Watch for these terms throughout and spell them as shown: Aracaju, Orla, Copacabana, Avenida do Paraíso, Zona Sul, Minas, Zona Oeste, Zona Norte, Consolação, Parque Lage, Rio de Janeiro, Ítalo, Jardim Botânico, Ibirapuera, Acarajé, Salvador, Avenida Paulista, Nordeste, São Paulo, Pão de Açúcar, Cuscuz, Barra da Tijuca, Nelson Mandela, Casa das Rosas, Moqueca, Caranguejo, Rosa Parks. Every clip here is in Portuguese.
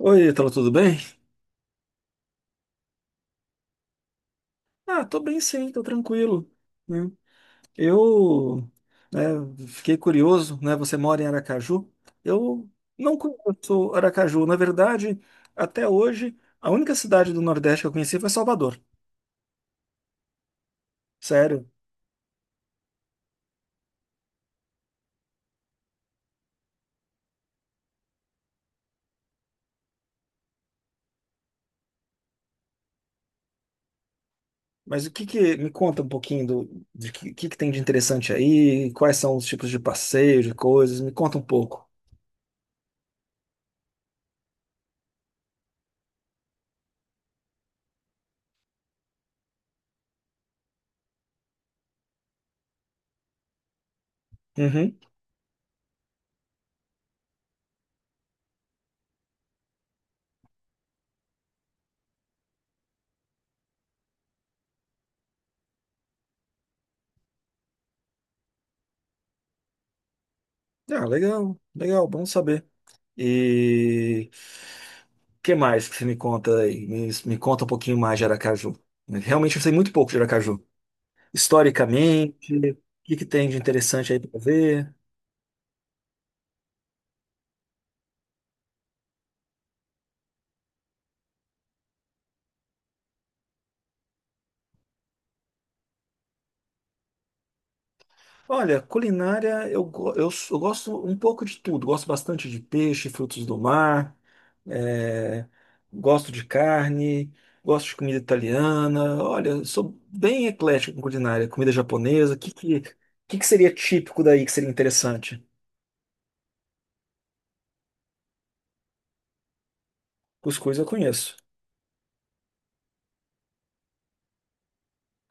Oi, Ítalo, tudo bem? Tô bem sim, tô tranquilo, né? Eu, né, Fiquei curioso, né? Você mora em Aracaju? Eu não conheço Aracaju. Na verdade, até hoje, a única cidade do Nordeste que eu conheci foi Salvador. Sério. Mas o que me conta um pouquinho do de que tem de interessante aí, quais são os tipos de passeio, de coisas. Me conta um pouco. Uhum. Ah, legal, legal, bom saber. E... que mais que você me conta aí? Me conta um pouquinho mais de Aracaju. Realmente eu sei muito pouco de Aracaju. Historicamente, o que que tem de interessante aí para ver? Olha, culinária, eu, go- eu, s- eu gosto um pouco de tudo. Gosto bastante de peixe, frutos do mar, é, gosto de carne, gosto de comida italiana. Olha, sou bem eclético com culinária, comida japonesa. Que seria típico daí que seria interessante? Cuscuz eu conheço.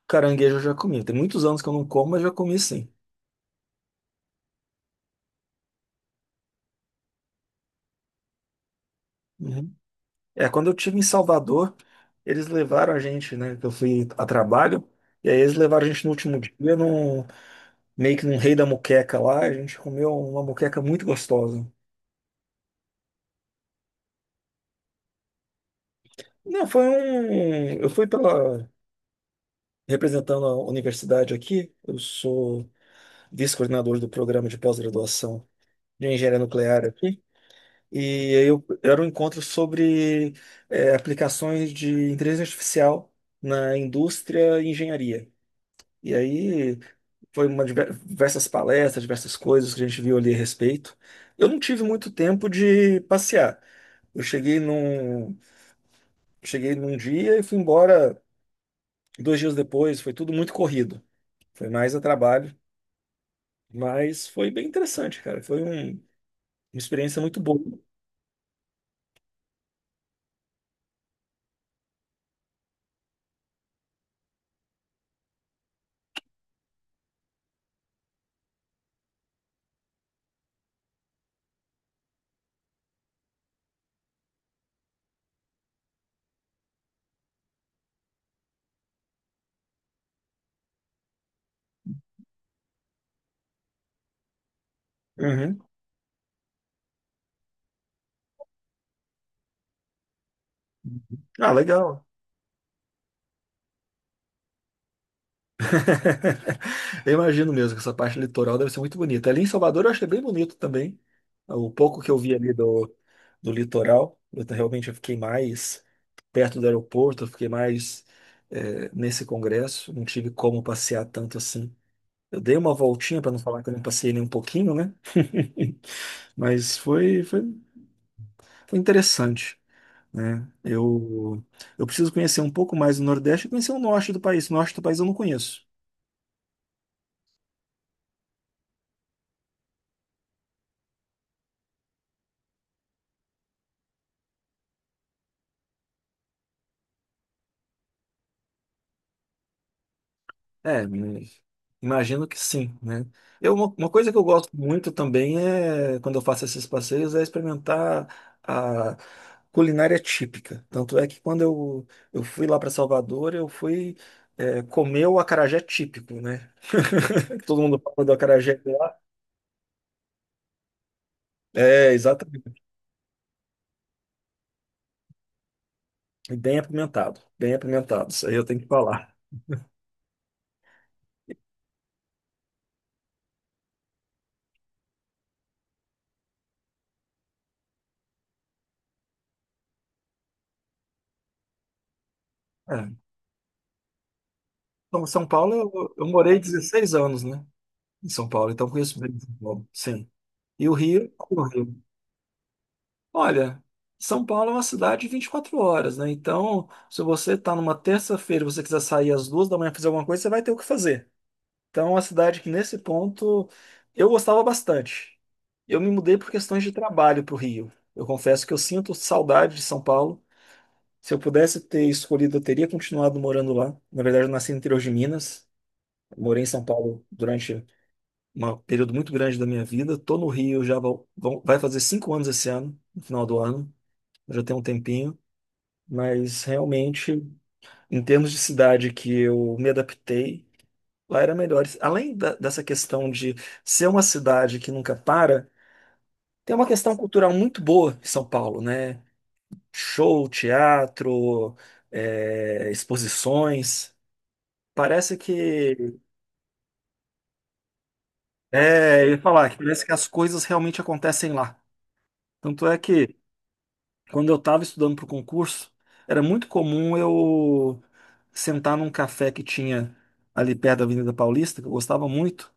Caranguejo eu já comi. Tem muitos anos que eu não como, mas já comi sim. Uhum. É, quando eu tive em Salvador, eles levaram a gente, né? que Eu fui a trabalho, e aí eles levaram a gente no último dia meio que num rei da moqueca lá. A gente comeu uma moqueca muito gostosa. Não, foi um. Eu fui pela. Representando a universidade aqui, eu sou vice-coordenador do programa de pós-graduação de engenharia nuclear aqui. E aí era um encontro sobre aplicações de inteligência artificial na indústria e engenharia. E aí foi diversas palestras, diversas coisas que a gente viu ali a respeito. Eu não tive muito tempo de passear. Eu cheguei num, cheguei num dia e fui embora dois dias depois. Foi tudo muito corrido. Foi mais a trabalho, mas foi bem interessante, cara. Uma experiência muito boa. Uhum. Ah, legal. Eu imagino mesmo que essa parte litoral deve ser muito bonita. Ali em Salvador eu achei bem bonito também. O pouco que eu vi ali do, do litoral, realmente eu fiquei mais perto do aeroporto, eu fiquei mais nesse congresso, não tive como passear tanto assim. Eu dei uma voltinha para não falar que eu não passei nem um pouquinho, né? Mas foi, foi, foi interessante, né? Eu preciso conhecer um pouco mais o Nordeste e conhecer o Norte do país. O Norte do país eu não conheço. É, me- imagino que sim, né? Uma coisa que eu gosto muito também é, quando eu faço esses passeios, é experimentar a culinária típica. Tanto é que eu fui lá para Salvador, eu fui comer o acarajé típico, né? Todo mundo fala do acarajé de lá. É, exatamente. E bem apimentado, bem apimentado, isso aí eu tenho que falar. É. Então, São Paulo, eu morei 16 anos, né? Em São Paulo, então conheço bem São Paulo, sim. E o Rio, o Rio. Olha, São Paulo é uma cidade de 24 horas, né? Então, se você está numa terça-feira e você quiser sair às duas da manhã fazer alguma coisa, você vai ter o que fazer. Então, é uma cidade que, nesse ponto, eu gostava bastante. Eu me mudei por questões de trabalho para o Rio. Eu confesso que eu sinto saudade de São Paulo. Se eu pudesse ter escolhido, eu teria continuado morando lá. Na verdade, eu nasci no interior de Minas. Morei em São Paulo durante um período muito grande da minha vida. Tô no Rio já vai fazer 5 anos esse ano, no final do ano. Já tem um tempinho. Mas realmente, em termos de cidade que eu me adaptei, lá era melhor. Além dessa questão de ser uma cidade que nunca para, tem uma questão cultural muito boa em São Paulo, né? Show, teatro, exposições. Parece que. É, eu ia falar que parece que as coisas realmente acontecem lá. Tanto é que quando eu estava estudando para o concurso, era muito comum eu sentar num café que tinha ali perto da Avenida Paulista, que eu gostava muito,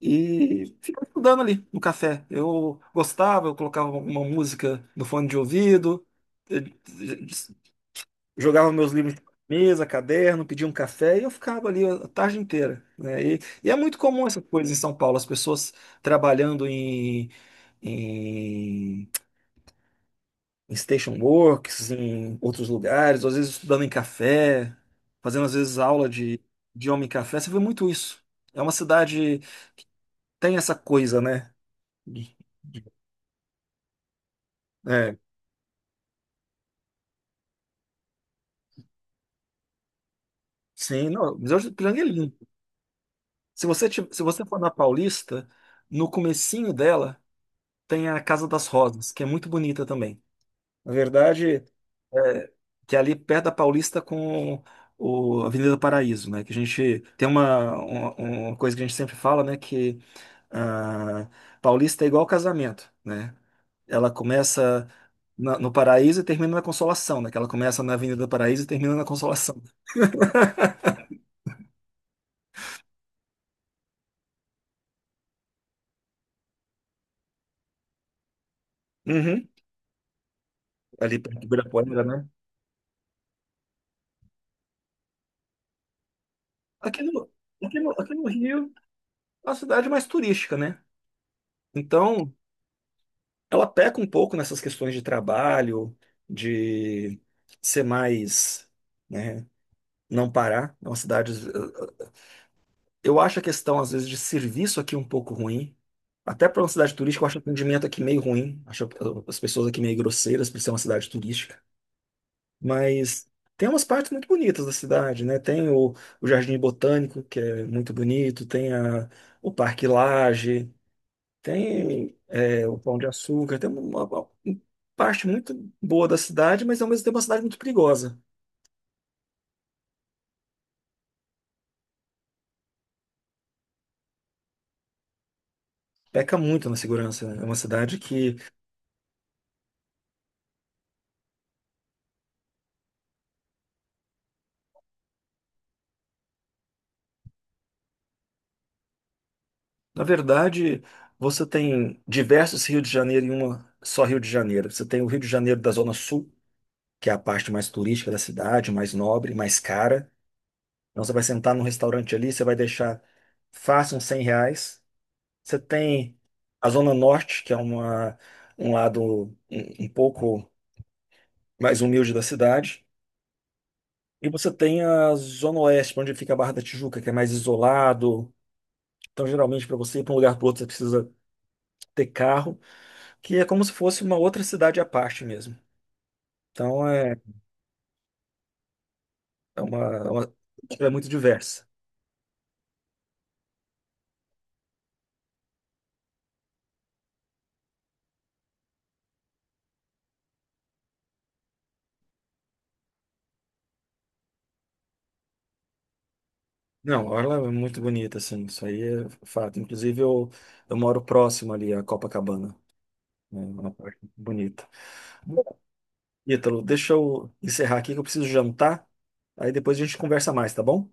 e ficar estudando ali no café. Eu gostava, eu colocava uma música no fone de ouvido, eh, jogava meus livros na mesa, caderno, pedia um café e eu ficava ali a tarde inteira, né? E é muito comum essas coisas em São Paulo, as pessoas trabalhando em em station works, em outros lugares, ou às vezes estudando em café, fazendo às vezes aula de idioma em café. Você vê muito isso. É uma cidade, tem essa coisa, né? De- de- É, sim, não, Miguel de Ipiranga é lindo. Se você, se você for na Paulista, no comecinho dela tem a Casa das Rosas, que é muito bonita também. Na verdade, é, que é ali perto da Paulista com o Avenida do Paraíso, né? Que a gente tem uma coisa que a gente sempre fala, né? Que ah, Paulista é igual casamento, né? Ela começa no Paraíso e termina na Consolação, né? Que ela começa na Avenida do Paraíso e termina na Consolação. Uhum. Ali perto de Ibirapuera, né? Aqui no, aqui no Rio é uma cidade mais turística, né? Então, ela peca um pouco nessas questões de trabalho, de ser mais, né, não parar. É uma cidade. Eu acho a questão, às vezes, de serviço aqui um pouco ruim. Até para uma cidade turística, eu acho o atendimento aqui meio ruim. Acho as pessoas aqui meio grosseiras por ser uma cidade turística. Mas tem umas partes muito bonitas da cidade, né? Tem o Jardim Botânico, que é muito bonito, tem o Parque Lage. Tem o Pão de Açúcar, tem parte muito boa da cidade, mas ao mesmo tempo é uma cidade muito perigosa. Peca muito na segurança, né? É uma cidade que, na verdade, você tem diversos Rio de Janeiro em uma só Rio de Janeiro. Você tem o Rio de Janeiro da Zona Sul, que é a parte mais turística da cidade, mais nobre, mais cara. Então você vai sentar num restaurante ali, você vai deixar fácil uns 100 reais. Você tem a Zona Norte, que é um lado um pouco mais humilde da cidade. E você tem a Zona Oeste, onde fica a Barra da Tijuca, que é mais isolado. Então, geralmente, para você ir para um lugar para outro, você precisa ter carro, que é como se fosse uma outra cidade à parte mesmo. Então, é uma- é muito diversa. Não, a Orla é muito bonita, assim, isso aí é fato. Inclusive, eu moro próximo ali à Copacabana, né, é uma parte bonita. Ítalo, deixa eu encerrar aqui que eu preciso jantar, aí depois a gente conversa mais, tá bom?